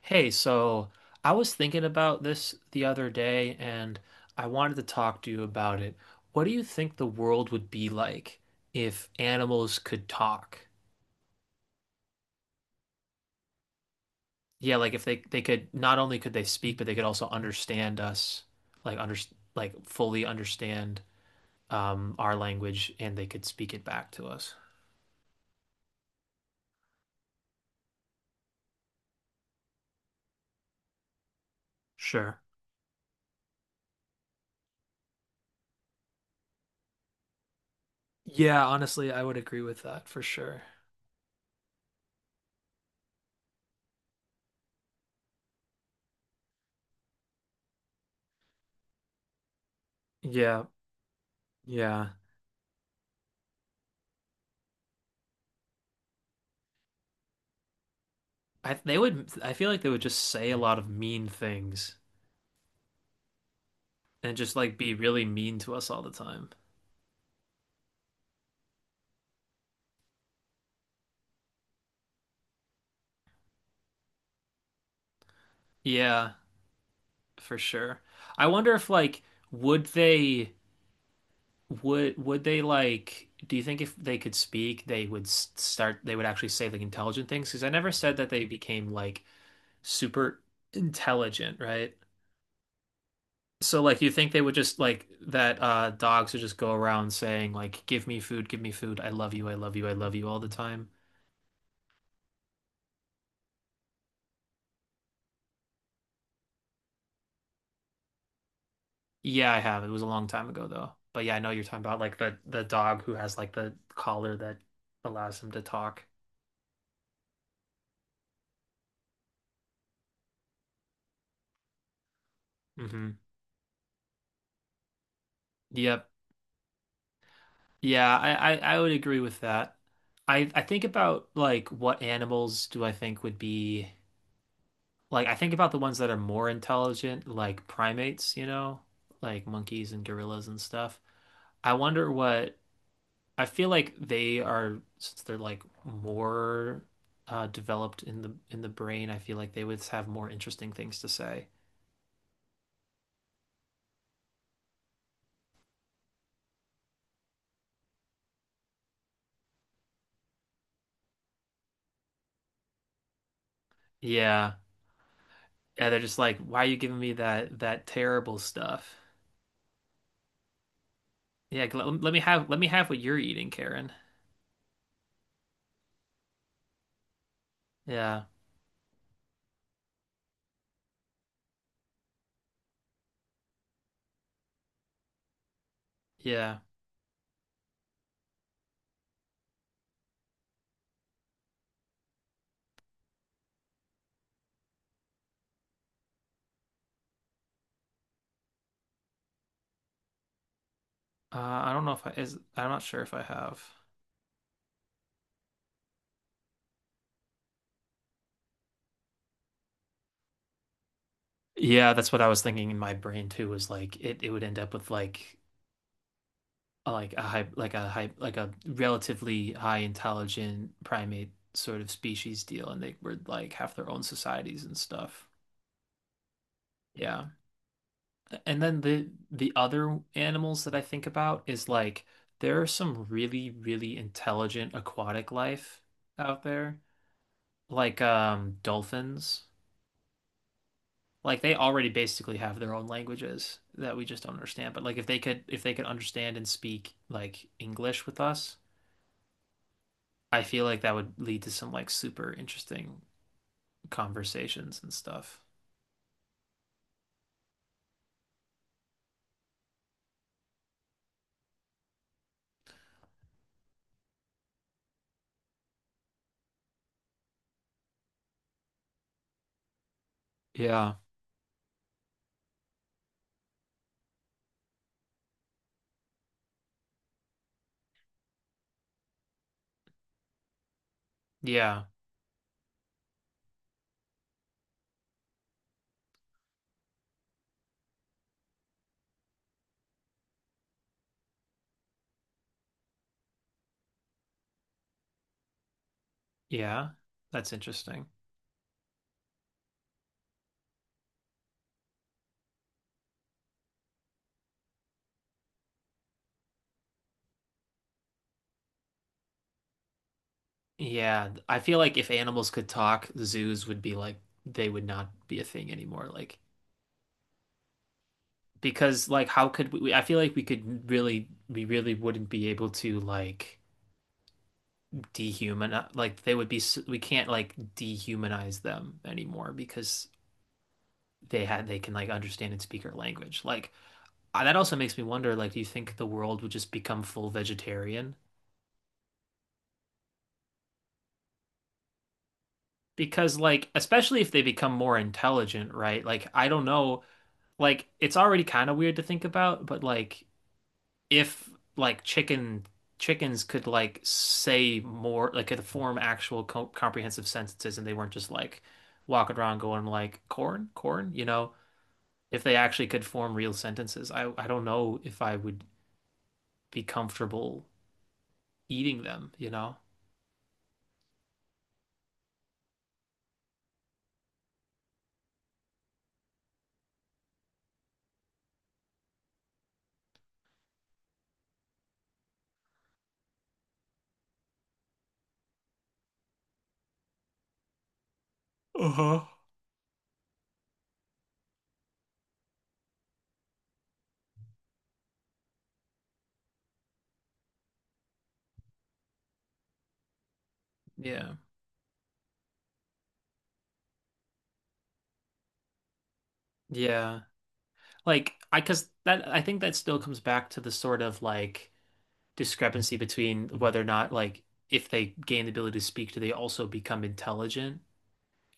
Hey, so I was thinking about this the other day and I wanted to talk to you about it. What do you think the world would be like if animals could talk? Yeah, like if they could not only could they speak, but they could also understand us, like under like fully understand our language and they could speak it back to us. Sure. Yeah, honestly, I would agree with that for sure. Yeah, yeah. I feel like they would just say a lot of mean things, and just like be really mean to us all the time. Yeah, for sure. I wonder if like would they would they like do you think if they could speak they would actually say like intelligent things? Because I never said that they became like super intelligent, right? So like you think they would just like that dogs would just go around saying like give me food, I love you, I love you, I love you all the time? Yeah, I have. It was a long time ago though. But yeah, I know you're talking about like the dog who has like the collar that allows him to talk. Hmm. Yep. Yeah, I would agree with that. I think about like what animals do I think would be like I think about the ones that are more intelligent, like primates, you know, like monkeys and gorillas and stuff. I wonder what I feel like they are since they're like more developed in the brain. I feel like they would have more interesting things to say. Yeah. Yeah, they're just like, why are you giving me that terrible stuff? Yeah, let me have what you're eating, Karen. Yeah. Yeah. I don't know if I is I'm not sure if I have. Yeah, that's what I was thinking in my brain too, was like it would end up with like like a high, like a relatively high intelligent primate sort of species deal, and they were like have their own societies and stuff. Yeah. And then the other animals that I think about is like there are some really, really intelligent aquatic life out there, like dolphins. Like they already basically have their own languages that we just don't understand. But like if they could understand and speak like English with us I feel like that would lead to some like super interesting conversations and stuff. Yeah. Yeah. Yeah. That's interesting. Yeah. I feel like if animals could talk, zoos would be like, they would not be a thing anymore. Like, because like, how could we? I feel like we really wouldn't be able to like dehumanize, like, we can't like dehumanize them anymore because they can like understand and speak our language. Like, that also makes me wonder, like, do you think the world would just become full vegetarian? Because, like, especially if they become more intelligent, right? Like, I don't know, like, it's already kind of weird to think about, but like, if like chickens could like say more, like, could form actual co comprehensive sentences, and they weren't just like walking around going like corn, corn, you know? If they actually could form real sentences, I don't know if I would be comfortable eating them, you know? Uh-huh. Yeah. Yeah. Like I think that still comes back to the sort of like discrepancy between whether or not like if they gain the ability to speak, do they also become intelligent?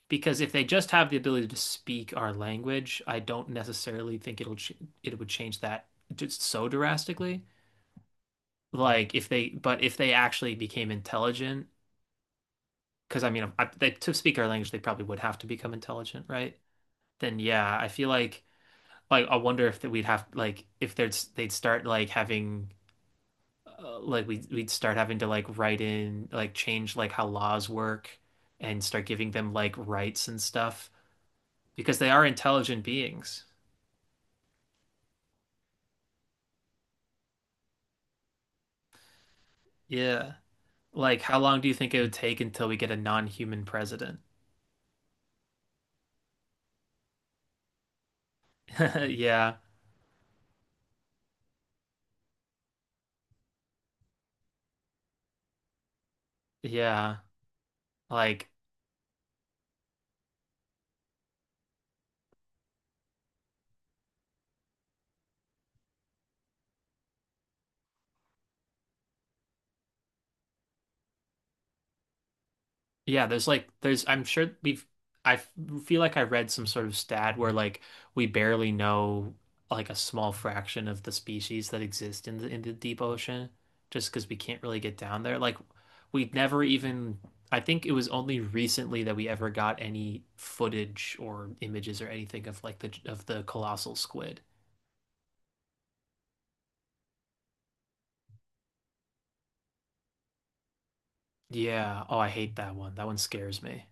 Because if they just have the ability to speak our language, I don't necessarily think it would change that just so drastically. Like if they actually became intelligent, because I mean to speak our language, they probably would have to become intelligent, right? Then yeah, I feel like, I wonder if that we'd have like if there's they'd start like having like we'd start having to like write in like change like how laws work and start giving them like rights and stuff because they are intelligent beings. Yeah. Like, how long do you think it would take until we get a non-human president? Yeah. Yeah. Like Yeah, there's I'm sure we've I f- feel like I read some sort of stat where like we barely know like a small fraction of the species that exist in the deep ocean just because we can't really get down there. Like we never even I think it was only recently that we ever got any footage or images or anything of like the colossal squid. Yeah. Oh, I hate that one. That one scares me.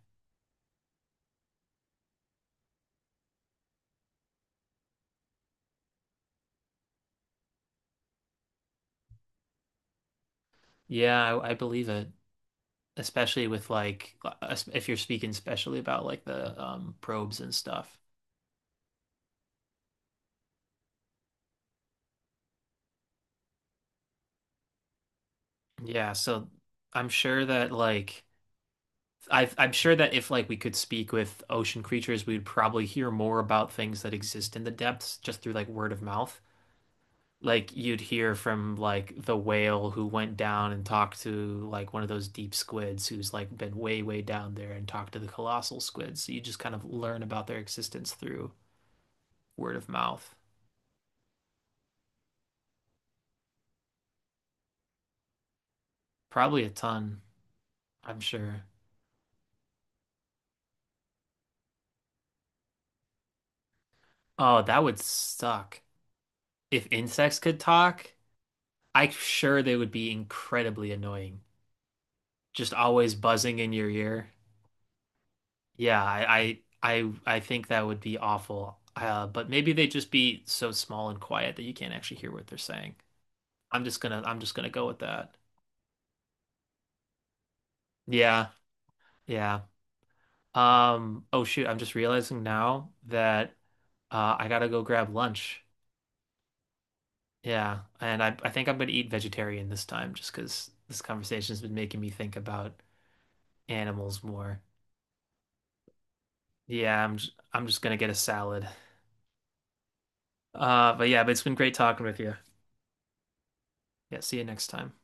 Yeah, I believe it, especially with like if you're speaking especially about like the probes and stuff. Yeah, so I'm sure that like I'm sure that if like we could speak with ocean creatures, we'd probably hear more about things that exist in the depths just through like word of mouth. Like you'd hear from like the whale who went down and talked to like one of those deep squids who's like been way, way down there and talked to the colossal squids. So you just kind of learn about their existence through word of mouth. Probably a ton, I'm sure. Oh, that would suck. If insects could talk, I'm sure they would be incredibly annoying. Just always buzzing in your ear. Yeah, I think that would be awful. But maybe they'd just be so small and quiet that you can't actually hear what they're saying. I'm just gonna go with that. Yeah, yeah. Oh shoot, I'm just realizing now that I gotta go grab lunch. Yeah, and I think I'm gonna eat vegetarian this time just because this conversation's been making me think about animals more. Yeah, I'm just gonna get a salad. But Yeah, but it's been great talking with you. Yeah, see you next time.